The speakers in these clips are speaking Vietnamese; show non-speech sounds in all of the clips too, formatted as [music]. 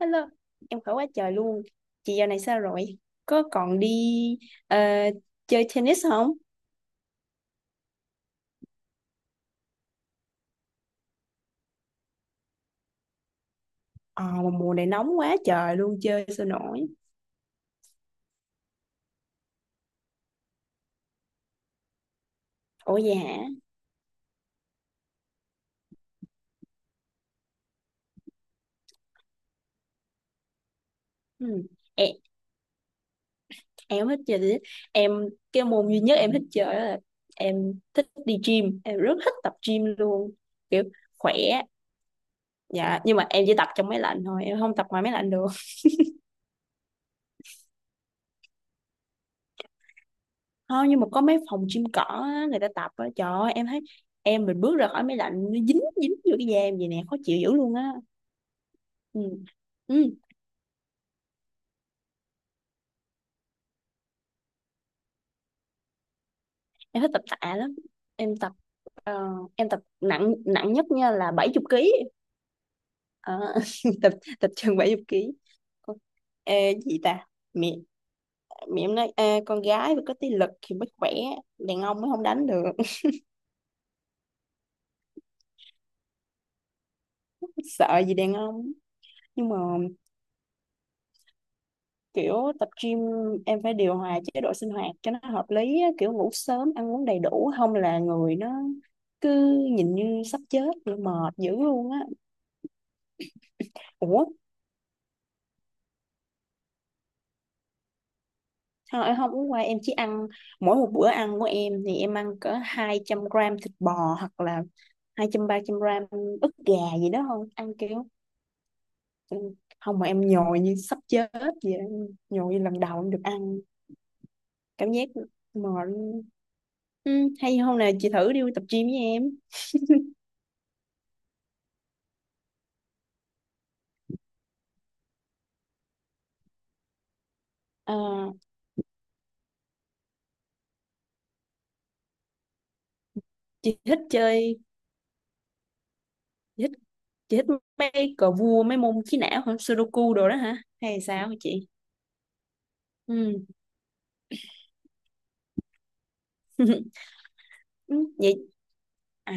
Hello, em khỏe quá trời luôn. Chị giờ này sao rồi? Có còn đi ờ, chơi tennis không? Ờ, mà mùa này nóng quá trời luôn, chơi sao nổi. Ủa vậy hả? Ừ. Em, em thích chơi tennis. Em, cái môn duy nhất em thích chơi đó là em thích đi gym. Em rất thích tập gym luôn. Kiểu khỏe. Dạ, nhưng mà em chỉ tập trong máy lạnh thôi, em không tập ngoài máy lạnh được. [laughs] Không, nhưng mà có mấy phòng gym cỏ á, người ta tập á, trời ơi, em thấy em mình bước ra khỏi máy lạnh nó dính dính vô cái da em vậy nè khó chịu dữ luôn á. Ừ. Ừ. Em thích tập tạ lắm, em tập ờ, em tập nặng nặng nhất nha là 70 kg. Ờ, [laughs] tập tập chừng 70 kg. Ôi, ê, cái gì ta, mẹ mẹ em nói: "Ê, con gái mà có tí lực thì mới khỏe, đàn ông mới không đánh được." [laughs] Sợ gì đàn ông, nhưng mà kiểu tập gym em phải điều hòa chế độ sinh hoạt cho nó hợp lý á, kiểu ngủ sớm ăn uống đầy đủ không là người nó cứ nhìn như sắp chết mệt dữ luôn á. Ủa thôi em không uống qua, em chỉ ăn mỗi một bữa ăn của em thì em ăn cỡ 200 gram thịt bò hoặc là 200 300 gram ức gà gì đó thôi, ăn kiểu ừ, không mà em nhồi như sắp chết vậy, em nhồi như lần đầu em được ăn, cảm giác mệt luôn. Ừ, hay hôm nào chị thử đi tập gym với em. Ờ, chị thích chơi, chị thích chị thích mấy cờ vua mấy môn trí não hả, sudoku đồ đó hả hay sao hả chị? Ừ. [laughs] Ừ, vậy à,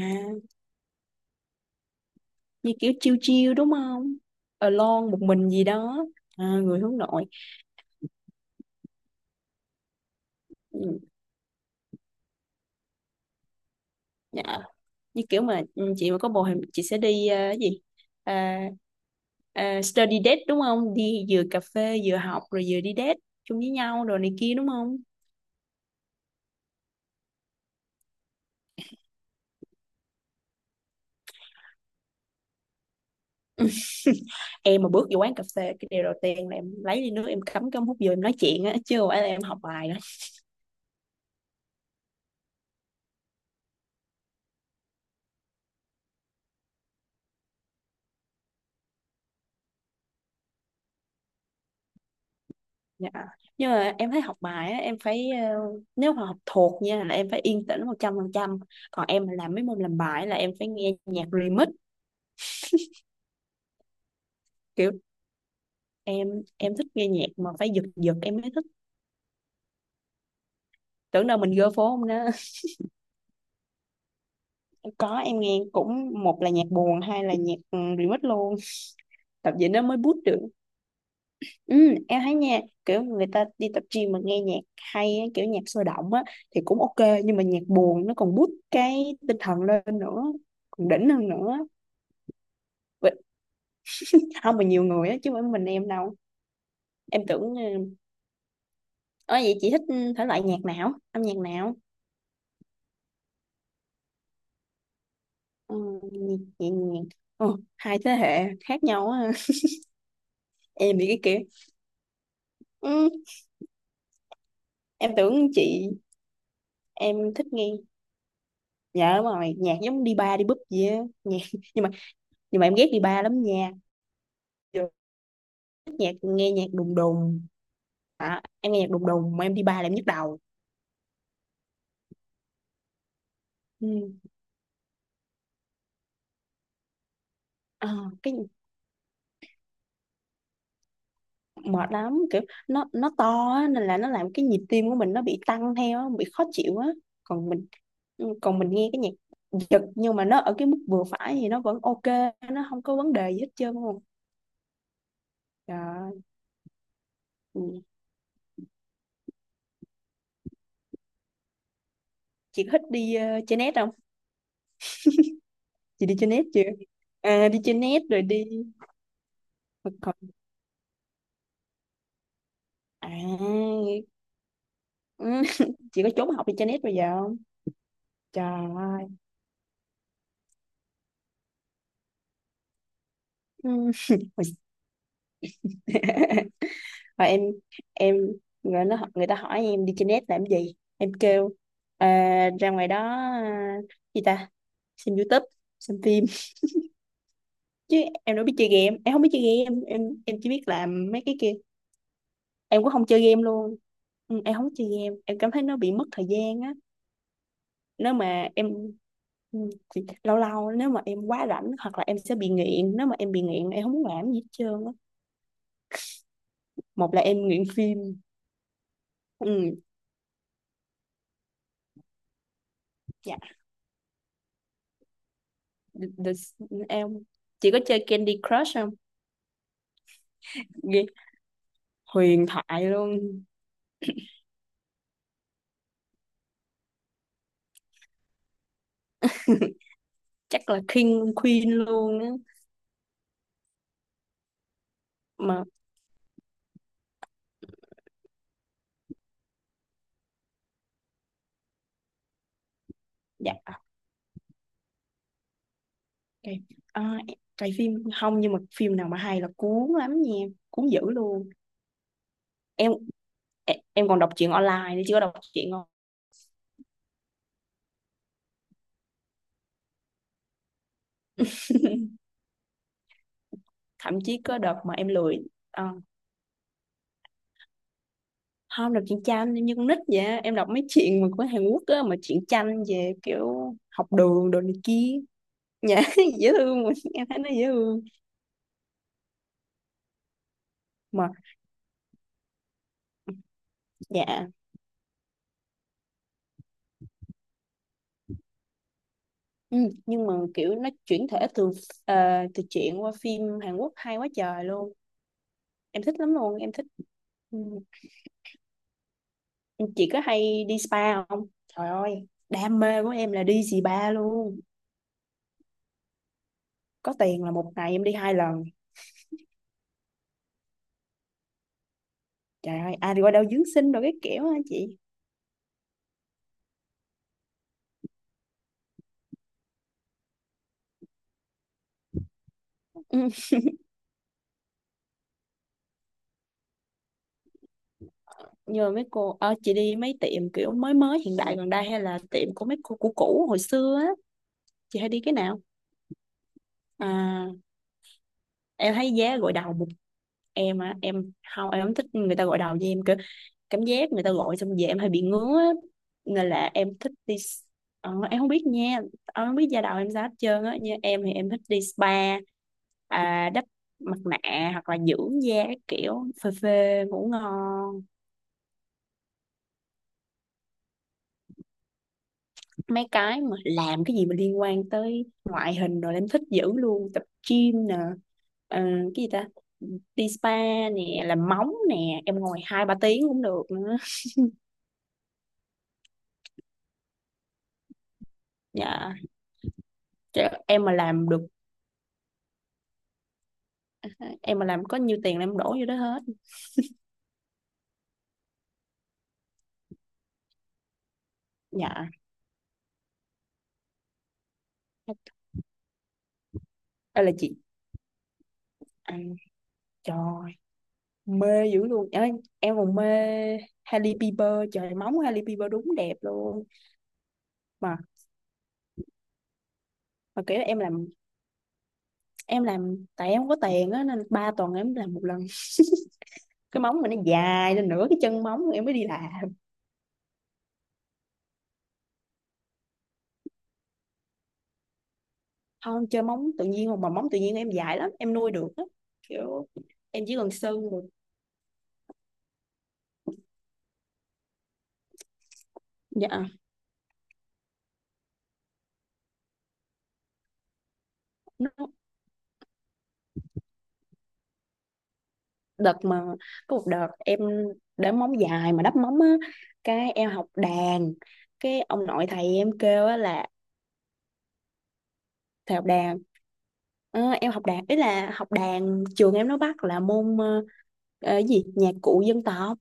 như kiểu chill chill đúng không, alone một mình gì đó, à, người hướng nội. Ừ, dạ. Như kiểu mà chị mà có bồ thì chị sẽ đi cái gì, à, study date đúng không, đi vừa cà phê vừa học rồi vừa đi date chung với nhau rồi này kia đúng không? [laughs] Em mà bước vô quán cà phê cái điều đầu tiên là em lấy ly nước em cắm cắm hút vô em nói chuyện á chứ không phải là em học bài đâu. Dạ. Nhưng mà em thấy học bài á, em phải nếu mà học thuộc nha là em phải yên tĩnh 100%. Còn em mà làm mấy môn làm bài là em phải nghe nhạc remix. Kiểu em em thích nghe nhạc mà phải giật giật em mới thích. Tưởng đâu mình gơ phố không đó. [laughs] Có, em nghe cũng một là nhạc buồn, hai là nhạc remix luôn. Tập gì nó mới boost được. Ừ, em thấy nha, kiểu người ta đi tập gym mà nghe nhạc hay á, kiểu nhạc sôi động á thì cũng ok, nhưng mà nhạc buồn nó còn boost cái tinh thần lên nữa, còn đỉnh hơn nữa. Không mà nhiều người á chứ không phải mình em đâu, em tưởng ủa vậy chị thích thể loại nhạc nào, âm nhạc nào? Ừ, nhẹ nhàng. Ừ, hai thế hệ khác nhau á. [laughs] Em thì cái kia. Ừ, em tưởng chị, em thích nghe, dạ đúng rồi nhạc giống đi ba đi búp gì á, nhạc [laughs] nhưng mà, nhưng mà em ghét đi ba lắm nha. Giờ thích nhạc nghe nhạc đùng đùng, à, em nghe nhạc đùng đùng mà em đi ba là em nhức đầu. Ừ. Ờ, cái mệt lắm kiểu nó to á, nên là nó làm cái nhịp tim của mình nó bị tăng theo á, bị khó chịu á. Còn mình còn mình nghe cái nhạc giật nhưng mà nó ở cái mức vừa phải thì nó vẫn ok, nó không có vấn đề gì hết trơn luôn. Rồi, ừ. Chị có thích đi chơi net không? Chị đi chơi net chưa? À, đi chơi net rồi đi thực hành, à ừ. [laughs] Chị có trốn học đi chơi net bây giờ không? Trời ơi. Ừ. [laughs] Và em, người nó người ta hỏi em đi trên net làm gì em kêu: "Ờ, ra ngoài đó, à, gì ta, xem YouTube, xem phim chứ em đâu biết chơi game, em không biết chơi game, em chỉ biết làm mấy cái kia, em cũng không chơi game luôn." Ừ, em không chơi game, em cảm thấy nó bị mất thời gian á. Nếu mà em ừ, thì lâu lâu nếu mà em quá rảnh hoặc là em sẽ bị nghiện, nếu mà em bị nghiện em không muốn làm gì hết trơn á. Một là em nghiện phim. Ừ. The, the, em chỉ có chơi Candy Crush không? Ghê, huyền thoại luôn. [laughs] Chắc là King Queen luôn á. Mà dạ ok. À, cái phim không nhưng mà phim nào mà hay là cuốn lắm nha, cuốn dữ luôn. Em em còn đọc truyện online nữa chứ, có đọc truyện không? Thậm chí có đợt mà em lười ờ, không, đọc truyện tranh em như con nít vậy, em đọc mấy chuyện mà của Hàn Quốc á mà truyện tranh về kiểu học đường đồ này kia. Dạ [laughs] dễ thương mà em thấy nó dễ thương mà dạ. Ừ, nhưng mà kiểu nó chuyển thể từ ờ, từ truyện qua phim Hàn Quốc hay quá trời luôn, em thích lắm luôn em thích. Ừ. Chị có hay đi spa không, trời ơi đam mê của em là đi spa luôn. Có tiền là một ngày em đi hai lần. Trời ơi ai đi qua đâu dưỡng sinh rồi cái kiểu hả chị? Ừ. Nhờ mấy cô chị đi mấy tiệm kiểu mới mới hiện đại gần đây hay là tiệm của mấy cô cũ cũ hồi xưa á, chị hay đi cái nào? À em thấy giá gội đầu một, em á em không, em không thích người ta gội đầu với em, kiểu cảm giác người ta gội xong về em hay bị ngứa á. Nên là em thích đi em không biết nha, em không biết da đầu em sao hết trơn á. Như em thì em thích đi spa, à, đắp mặt nạ hoặc là dưỡng da các kiểu phê phê ngủ ngon. Mấy cái mà làm cái gì mà liên quan tới ngoại hình rồi là em thích dữ luôn, tập gym nè, ờ, cái gì ta, đi spa nè, làm móng nè, em ngồi hai ba tiếng cũng được nữa. Dạ. Chứ em mà làm được, em mà làm có nhiêu tiền là em đổ vô đó hết. Dạ đây là chị ăn, trời mê dữ luôn. Ê, em còn mê Hailey Bieber, trời móng Hailey Bieber đúng đẹp luôn. mà mà kiểu em làm, em làm tại em không có tiền á nên ba tuần em làm một lần, cái móng mình nó dài lên nửa cái chân móng em mới đi làm. Không chơi móng tự nhiên mà móng tự nhiên em dài lắm em nuôi được á, kiểu em chỉ cần sơn được. Dạ. Nó đợt mà, có một đợt em để móng dài mà đắp móng á, cái em học đàn, cái ông nội thầy em kêu á là, thầy học đàn. Ờ, em học đàn ý là học đàn trường em nó bắt là môn cái gì nhạc cụ dân tộc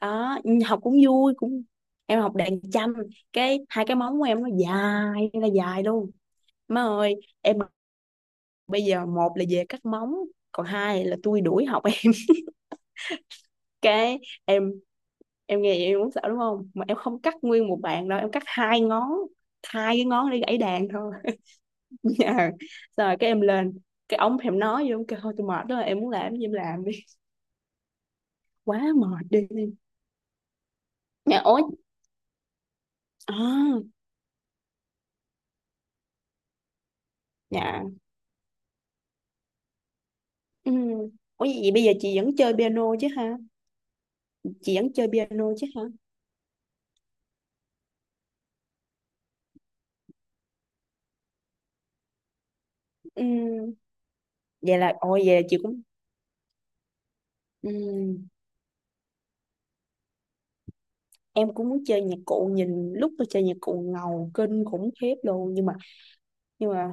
đó, nhưng học cũng vui cũng em học đàn tranh. Cái hai cái móng của em nó dài là dài luôn, má ơi. Em bây giờ một là về cắt móng, còn hai là tôi đuổi học em. [laughs] Cái em em nghe vậy em cũng sợ đúng không, mà em không cắt nguyên một bàn đâu em cắt hai ngón, hai cái ngón để gãy đàn thôi. [laughs] Ờ, rồi cái em lên cái ống thì em nói vô em kêu thôi tôi mệt đó em muốn làm cái gì em làm đi, quá mệt đi. Nhà ối, à, dạ ừ. Ủa vậy bây giờ chị vẫn chơi piano chứ ha? Chị vẫn chơi piano chứ hả? Ừ. Vậy là ôi vậy là chị cũng. Ừ. Em cũng muốn chơi nhạc cụ, nhìn lúc tôi chơi nhạc cụ ngầu kinh khủng khiếp luôn, nhưng mà, nhưng mà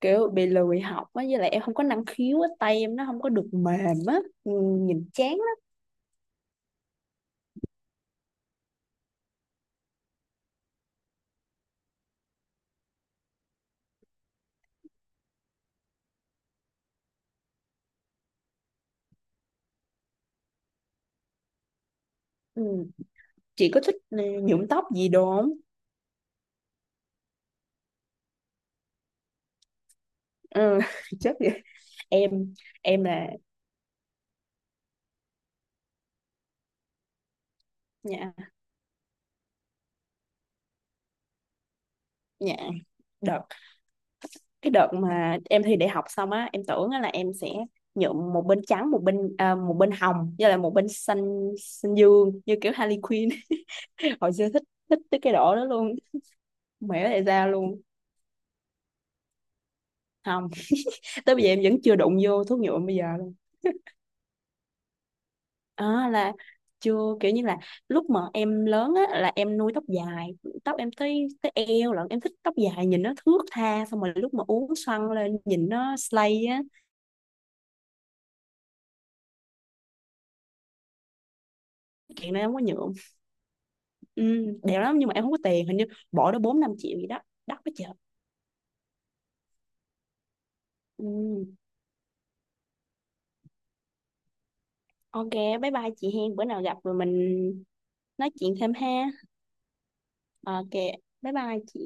kiểu bị lười học á, với lại em không có năng khiếu á, tay em nó không có được mềm á. Ừ, nhìn chán lắm. Ừ. Chị có thích nhuộm tóc gì đồ không? Ừ, [laughs] chắc vậy. Em em là nhà nhà đợt, cái đợt mà em thi đại học xong á em tưởng á là em sẽ nhuộm một bên trắng, một bên à, một bên hồng với lại một bên xanh xanh dương như kiểu Harley Quinn. [laughs] Hồi xưa thích, thích tới cái độ đó luôn. Mẹ tại sao luôn. Không, tới bây giờ em vẫn chưa đụng vô thuốc nhuộm bây giờ. À, là chưa kiểu như là lúc mà em lớn á là em nuôi tóc dài, tóc em tới tới eo lận, em thích tóc dài nhìn nó thướt tha xong rồi lúc mà uốn xoăn lên nhìn nó slay á. Chuyện này em không có nhuộm. Ừ, đẹp lắm nhưng mà em không có tiền hình như bỏ đó 4 5 triệu gì đó, đắt quá trời. Ừ. Ok, bye bye chị hen, bữa nào gặp rồi mình nói chuyện thêm ha. Ok bye bye chị.